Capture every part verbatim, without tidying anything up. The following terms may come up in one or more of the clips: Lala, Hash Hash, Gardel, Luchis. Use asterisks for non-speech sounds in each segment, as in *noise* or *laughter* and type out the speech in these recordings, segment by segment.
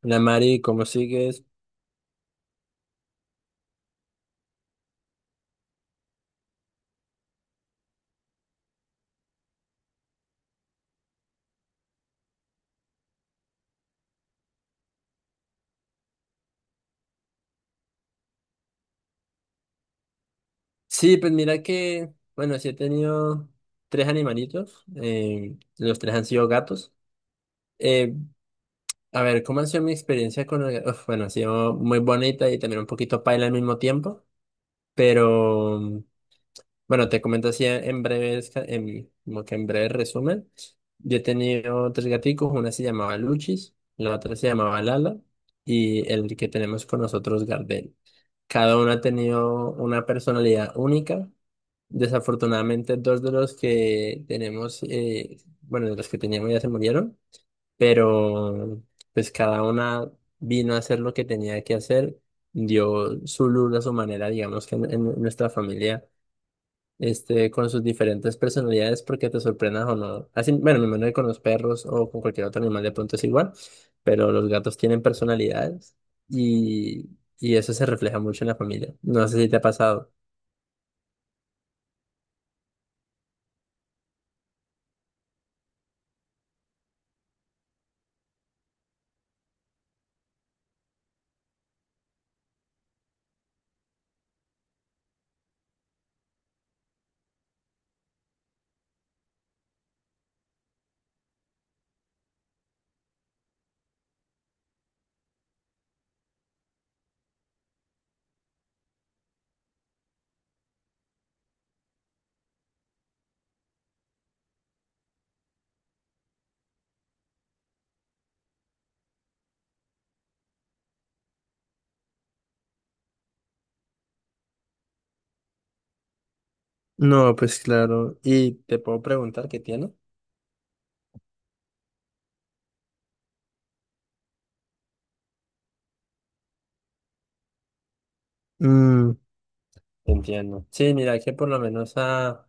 La Mari, ¿cómo sigues? Sí, pues mira que, bueno, sí he tenido tres animalitos, eh, los tres han sido gatos. Eh, a ver, ¿cómo ha sido mi experiencia con el gato? Bueno, ha sido muy bonita y también un poquito paila al mismo tiempo, pero mm, bueno, te comento así en breves, ca- en, como que en breve resumen. Yo he tenido tres gaticos, una se llamaba Luchis, la otra se llamaba Lala y el que tenemos con nosotros, Gardel. Cada uno ha tenido una personalidad única. Desafortunadamente, dos de los que tenemos, eh, bueno, de los que teníamos ya se murieron, pero pues cada una vino a hacer lo que tenía que hacer, dio su luz a su manera, digamos que en, en nuestra familia, este, con sus diferentes personalidades, porque te sorprendas o no. Así, bueno, me imagino que con los perros o con cualquier otro animal de pronto es igual, pero los gatos tienen personalidades y, y eso se refleja mucho en la familia. No sé si te ha pasado. No, pues claro. ¿Y te puedo preguntar qué tiene? Mm, Entiendo. Sí, mira que por lo menos a,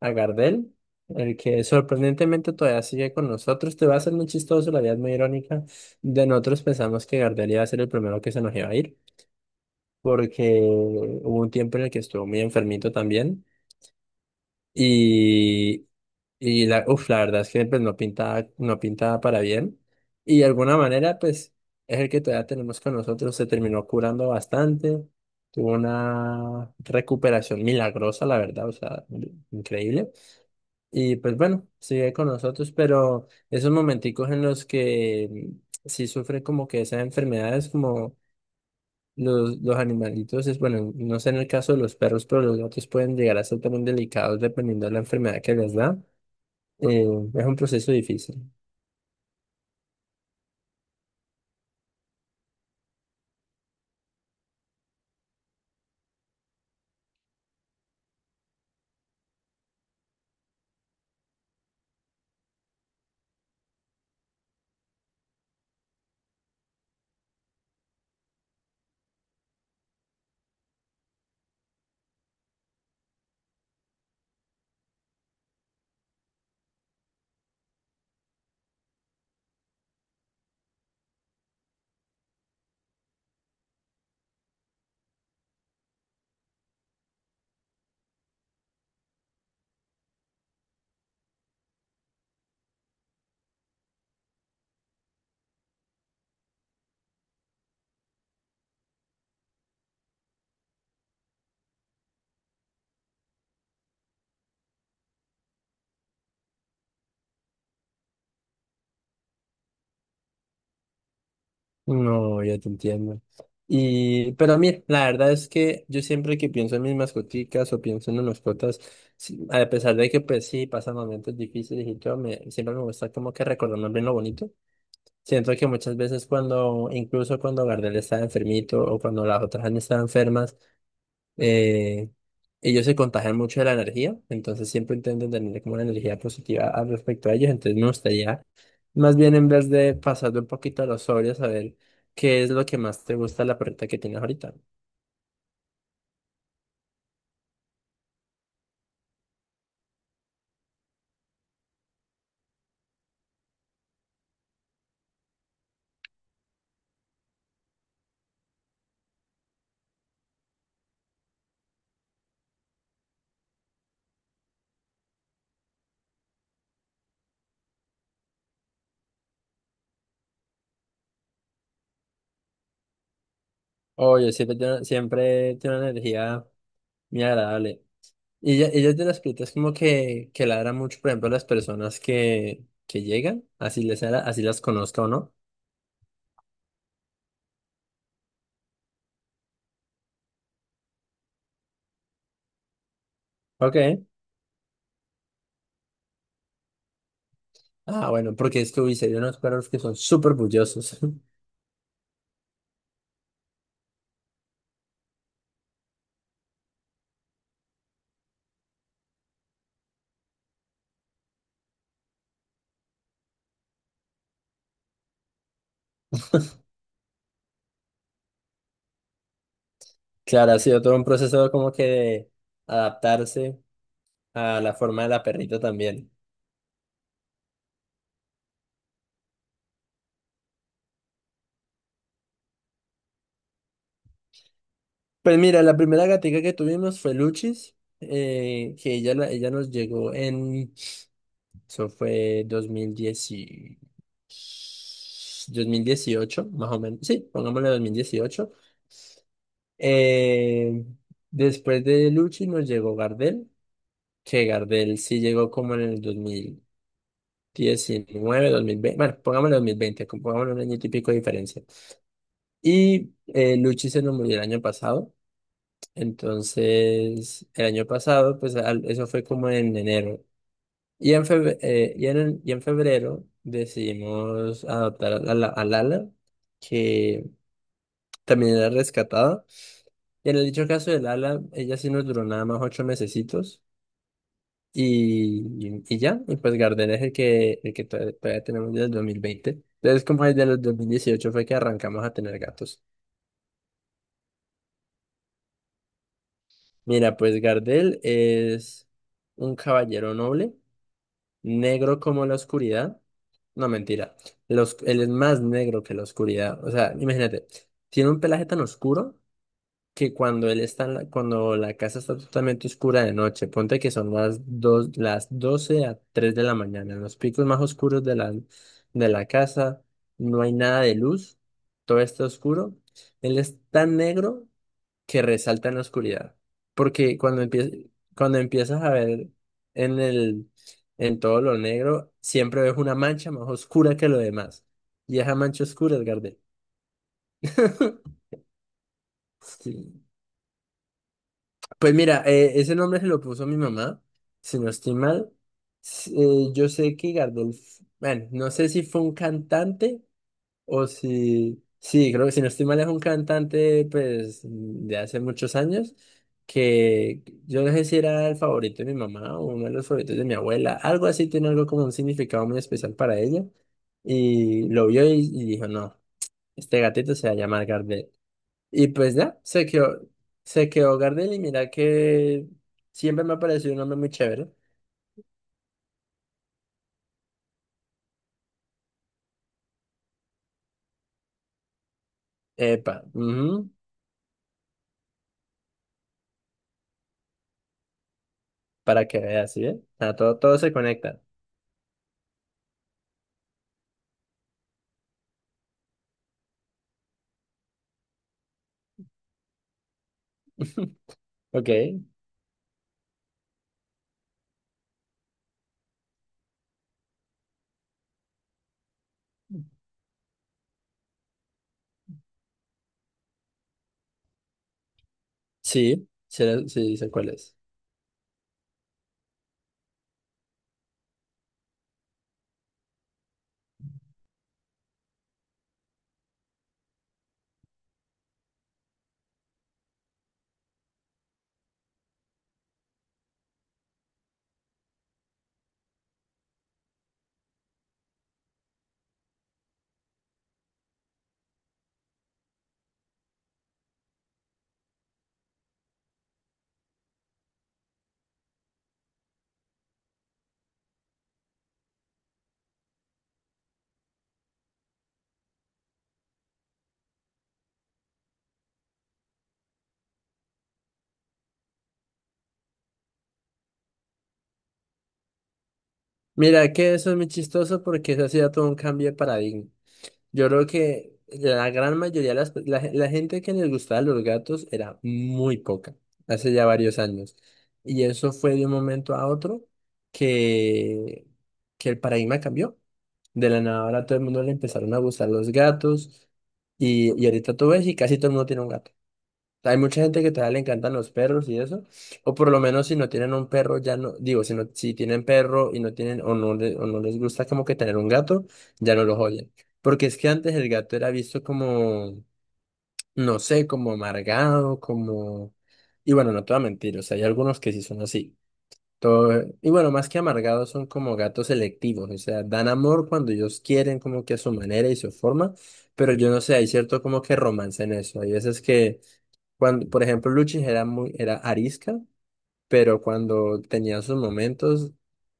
a Gardel, el que sorprendentemente todavía sigue con nosotros, te va a ser muy chistoso, la vida es muy irónica. De nosotros pensamos que Gardel iba a ser el primero que se nos iba a ir, porque hubo un tiempo en el que estuvo muy enfermito también. y. Y la, uf, la verdad es que pues, no pintaba, no pintaba para bien. Y de alguna manera, pues, es el que todavía tenemos con nosotros. Se terminó curando bastante. Tuvo una recuperación milagrosa, la verdad, o sea, increíble. Y pues bueno, sigue con nosotros, pero esos momenticos en los que mm, sí sufren como que esas enfermedades, como los, los animalitos, es bueno, no sé en el caso de los perros, pero los gatos pueden llegar a ser también delicados dependiendo de la enfermedad que les da. Eh, es un proceso difícil. No, ya te entiendo. Y, pero mira, la verdad es que yo siempre que pienso en mis mascoticas o pienso en las mascotas, sí, a pesar de que pues sí, pasan momentos difíciles y todo, me, siempre me gusta como que recordar más bien lo bonito. Siento que muchas veces cuando, incluso cuando Gardel estaba enfermito o cuando las otras han estado enfermas, Eh, ellos se contagian mucho de la energía, entonces siempre intentan tener como una energía positiva al respecto a ellos, entonces me gustaría más bien en vez de pasarle un poquito a los sobrios, saber qué es lo que más te gusta de la perrita que tienes ahorita. Oye, siempre tiene, siempre tiene una energía muy agradable. Y ella, ella es de las perritas como que, que ladra mucho, por ejemplo, a las personas que, que llegan, así les ara- así las conozca o no. Ok. Ah, bueno, porque es que, uy, serían unos perros que son súper bullosos. *laughs* Claro, ha sido todo un proceso como que de adaptarse a la forma de la perrita también. Pues mira, la primera gatica que tuvimos fue Luchis, eh, que ella, la- ella nos llegó en, eso fue dos mil diez y- dos mil dieciocho, más o menos. Sí, pongámosle dos mil dieciocho. Eh, Después de Luchis nos llegó Gardel, que Gardel sí llegó como en el dos dos mil diecinueve, dos mil veinte, bueno, pongámosle dos mil veinte, como pongámosle un año y pico de diferencia. Y eh, Luchi se nos murió el año pasado. Entonces, el año pasado, pues al- eso fue como en enero. Y en febrero, y en, y en febrero decidimos adoptar a, la- a Lala, que también era rescatada. Y en el dicho caso de Lala, ella sí nos duró nada más ocho mesecitos. Y, y, ya, y pues Gardel es el que, el que todavía, todavía tenemos desde el dos mil veinte. Entonces, como desde el dieciocho fue que arrancamos a tener gatos. Mira, pues Gardel es un caballero noble, negro como la oscuridad. No, mentira. Los, él es más negro que la oscuridad. O sea, imagínate, tiene un pelaje tan oscuro que cuando él está en la, cuando la casa está totalmente oscura de noche, ponte que son las dos, las doce a tres de la mañana, en los picos más oscuros de la, de la casa, no hay nada de luz, todo está oscuro. Él es tan negro que resalta en la oscuridad. Porque cuando empiezas, cuando empiezas a ver en el, en todo lo negro, siempre ves una mancha más oscura que lo demás. Y esa mancha oscura es Gardel. *laughs* Sí. Pues mira, eh, ese nombre se lo puso mi mamá, si no estoy mal. S- eh, yo sé que Gardel, f- bueno, no sé si fue un cantante. O si, sí, creo que si no estoy mal es un cantante pues de hace muchos años que yo no sé si era el favorito de mi mamá o uno de los favoritos de mi abuela, algo así, tiene algo como un significado muy especial para ella y lo vio y, y dijo, no, este gatito se va a llamar Gardel. Y pues ya, se quedó, se quedó Gardel y mira que siempre me ha parecido un hombre muy chévere. Epa, ujú, para que veas, ¿sí? ¿ven? O sea, todo, todo se conecta. *laughs* Ok. Sí, sí, era- sí, sé cuál es. Mira, que eso es muy chistoso porque eso ha sido todo un cambio de paradigma. Yo creo que la gran mayoría de las, pe- la, la gente que les gustaba los gatos era muy poca, hace ya varios años. Y eso fue de un momento a otro que, que el paradigma cambió. De la nada ahora a todo el mundo le empezaron a gustar los gatos y, y ahorita tú ves y casi todo el mundo tiene un gato. Hay mucha gente que todavía le encantan los perros y eso, o por lo menos si no tienen un perro, ya no, digo, si no, si tienen perro y no tienen, o no, le- o no les gusta como que tener un gato, ya no los oyen. Porque es que antes el gato era visto como, no sé, como amargado, como, y bueno, no te voy a mentir, o sea, hay algunos que sí son así. Todo, y bueno, más que amargados son como gatos selectivos, o sea, dan amor cuando ellos quieren, como que a su manera y su forma, pero yo no sé, hay cierto como que romance en eso. Hay veces que cuando, por ejemplo, Luchi era muy, era arisca, pero cuando tenía sus momentos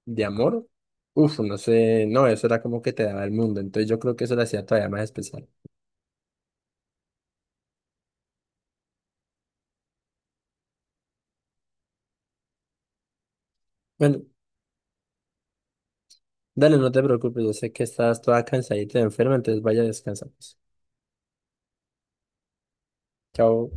de amor, uff, no sé, no, eso era como que te daba el mundo. Entonces yo creo que eso lo hacía todavía más especial. Bueno, dale, no te preocupes, yo sé que estás toda cansadita y enferma, entonces vaya a descansar, pues. Chao.